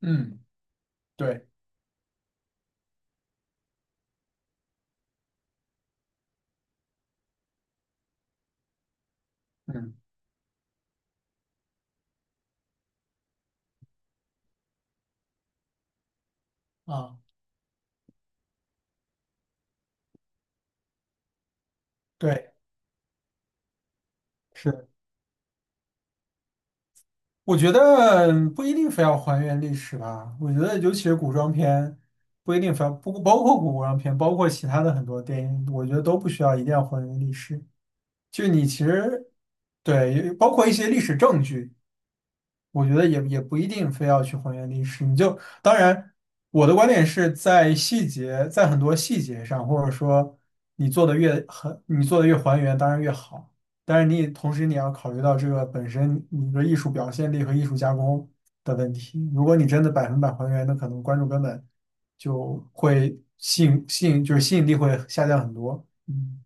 嗯，对，嗯啊，对，是，我觉得不一定非要还原历史吧。我觉得，尤其是古装片，不一定非要不包括古装片，包括其他的很多电影，我觉得都不需要一定要还原历史。就你其实对，包括一些历史证据，我觉得也不一定非要去还原历史，你就当然，我的观点是在细节，在很多细节上，或者说你做的越还原，当然越好。但是你也同时你要考虑到这个本身你的艺术表现力和艺术加工的问题。如果你真的百分百还原，那可能观众根本就会吸引力会下降很多。嗯。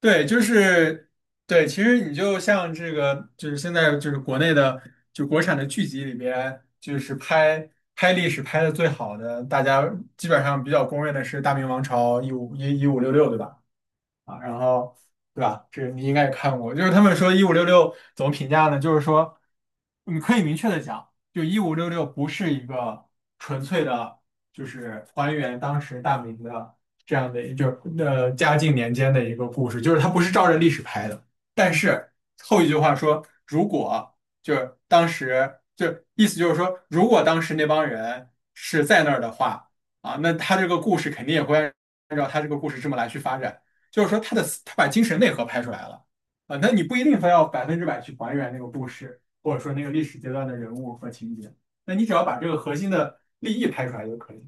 对，就是对，其实你就像这个，就是现在就是国内的，就国产的剧集里边，就是拍历史拍的最好的，大家基本上比较公认的是《大明王朝》一五一五六六，对吧？啊，然后对吧？这你应该也看过，就是他们说一五六六怎么评价呢？就是说，你可以明确的讲，就一五六六不是一个纯粹的，就是还原当时大明的这样的，就是嘉靖年间的一个故事，就是它不是照着历史拍的。但是后一句话说，如果就是当时，就意思就是说，如果当时那帮人是在那儿的话，啊，那他这个故事肯定也会按照他这个故事这么来去发展。就是说他把精神内核拍出来了。啊，那你不一定非要百分之百去还原那个故事，或者说那个历史阶段的人物和情节，那你只要把这个核心的利益拍出来就可以。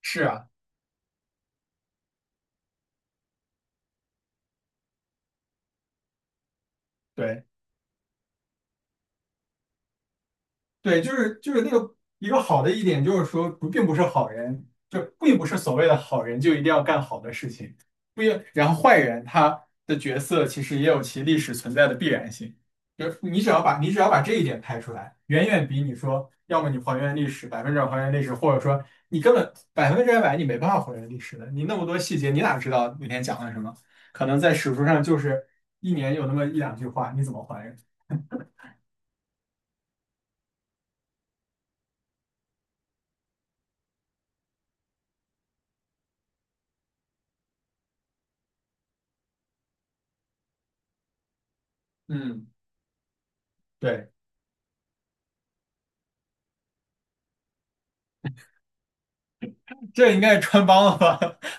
是啊，对。对，就是那个一个好的一点，就是说不并不是好人，就并不是所谓的好人就一定要干好的事情，不一然后坏人他的角色其实也有其历史存在的必然性，就是你只要把这一点拍出来，远远比你说要么你还原历史百分之百还原历史，或者说你根本百分之百你没办法还原历史的，你那么多细节你哪知道那天讲了什么？可能在史书上就是一年有那么一两句话，你怎么还原？嗯，对，这应该是穿帮了吧？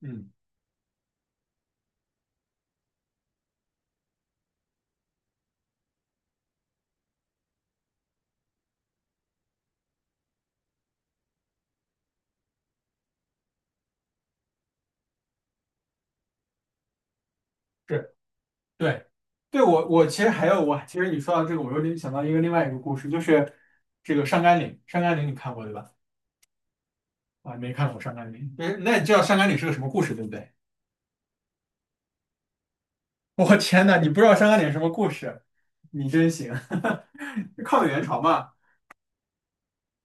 嗯，是对，对其实还有我其实你说到这个，我又联想到一个另外一个故事，就是这个上甘岭，上甘岭你看过对吧？啊，没看过上甘岭，那你知道上甘岭是个什么故事对不对？我天呐，你不知道上甘岭什么故事，你真行！就抗美援朝嘛，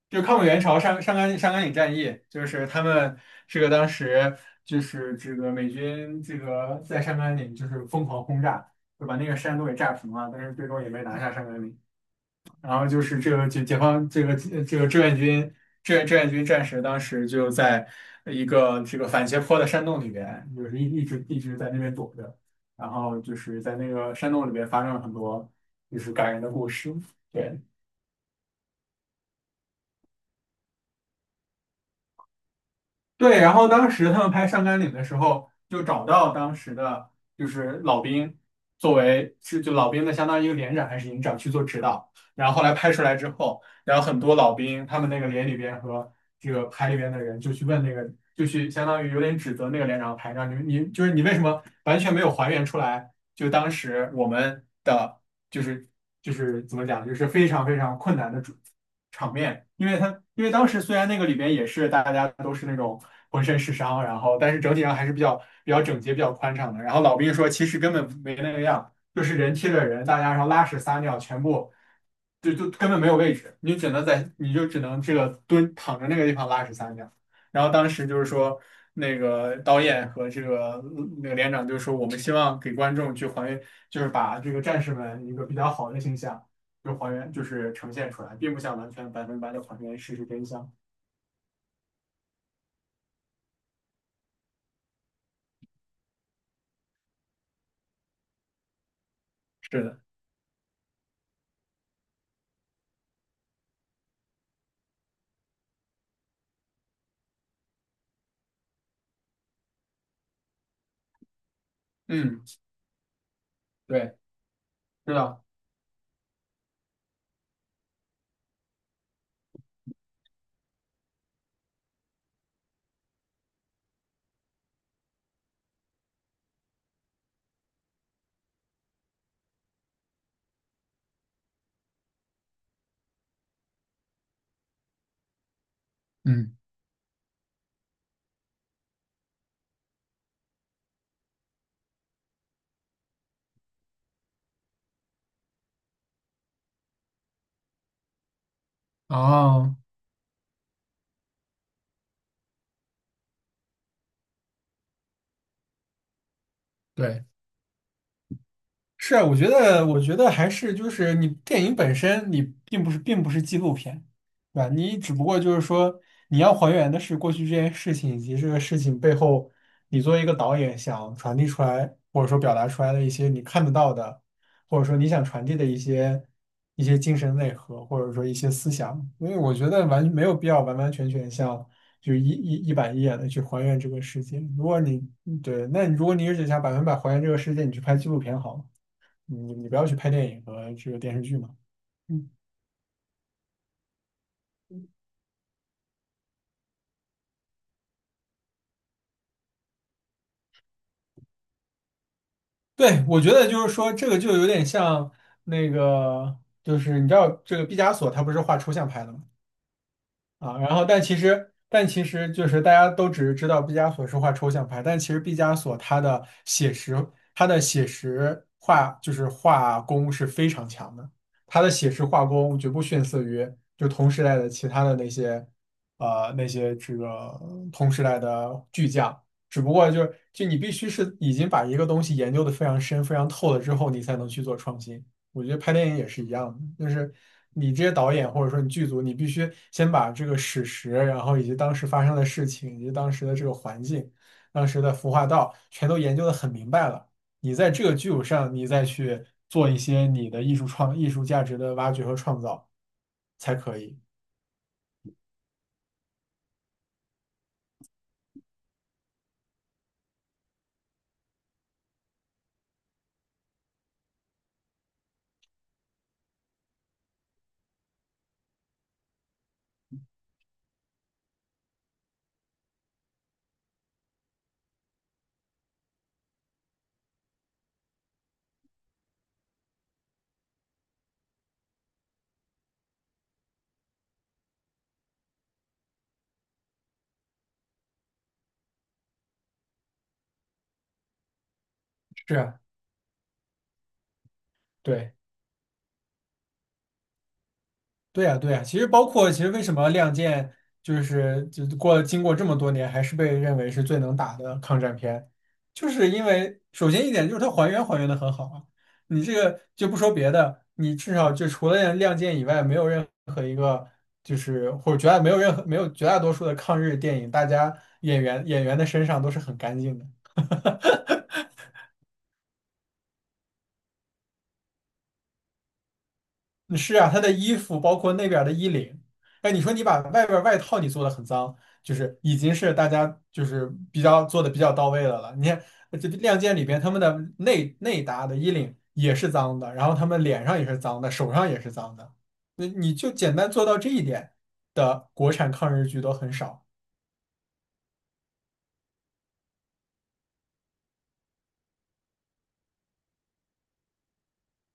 就抗美援朝上甘岭战役，就是他们这个当时就是这个美军这个在上甘岭就是疯狂轰炸，就把那个山都给炸平了，但是最终也没拿下上甘岭。然后就是这个解放这个这个志愿军战士，当时就在一个这个反斜坡的山洞里边，就是一直一直在那边躲着，然后就是在那个山洞里边发生了很多就是感人的故事。对。对，然后当时他们拍上甘岭的时候，就找到当时的就是老兵，作为是就老兵的相当于一个连长还是营长去做指导。然后后来拍出来之后，然后很多老兵他们那个连里边和这个排里边的人就去问那个，就去相当于有点指责那个连长和排长，你就是你为什么完全没有还原出来？就当时我们的。就是就是怎么讲，就是非常困难的主场面，因为他因为当时虽然那个里边也是大家都是那种浑身是伤，然后但是整体上还是比较整洁、比较宽敞的。然后老兵说，其实根本没那个样，就是人贴着人，大家然后拉屎撒尿全部。就根本没有位置，你只能在，你就只能这个蹲躺着那个地方拉屎撒尿。然后当时就是说，那个导演和这个那个连长就说，我们希望给观众去还原，就是把这个战士们一个比较好的形象，就还原，就是呈现出来，并不想完全百分百的还原事实真相。是的，嗯，对，知道，嗯，哦，对。是，啊，我觉得，我觉得还是就是你电影本身，你并不是并不是纪录片，对吧？你只不过就是说你要还原的是过去这件事情以及这个事情背后，你作为一个导演想传递出来或者说表达出来的一些你看得到的，或者说你想传递的一些精神内核，或者说一些思想。因为我觉得没有必要完完全全像就一板一眼的去还原这个世界。如果你对，那你如果你只想百分百还原这个世界，你去拍纪录片好了。你不要去拍电影和这个电视剧嘛。嗯对，我觉得就是说，这个就有点像那个，就是你知道这个毕加索他不是画抽象派的吗？啊，然后但其实就是大家都只是知道毕加索是画抽象派，但其实毕加索他的写实画就是画工是非常强的，他的写实画工绝不逊色于就同时代的其他的那些呃那些这个同时代的巨匠，只不过就是就你必须是已经把一个东西研究的非常深非常透了之后，你才能去做创新。我觉得拍电影也是一样的，就是你这些导演或者说你剧组，你必须先把这个史实，然后以及当时发生的事情，以及当时的这个环境、当时的服化道，全都研究的很明白了。你在这个基础上，你再去做一些你的艺术价值的挖掘和创造才可以。是啊对。对呀，对呀，其实包括其实为什么《亮剑》就过经过这么多年还是被认为是最能打的抗战片，就是因为首先一点就是它还原的很好啊。你这个就不说别的，你至少就除了《亮剑》以外，没有任何一个就是或者没有任何没有绝大多数的抗日电影，大家演员的身上都是很干净的。嗯是啊，他的衣服包括那边儿的衣领，哎，你说你把外边儿外套你做的很脏，就是已经是大家就是比较做的比较到位的了。你看这《亮剑》里边他们的内搭的衣领也是脏的，然后他们脸上也是脏的，手上也是脏的。那你就简单做到这一点的国产抗日剧都很少，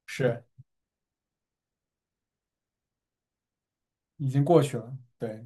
是已经过去了。对。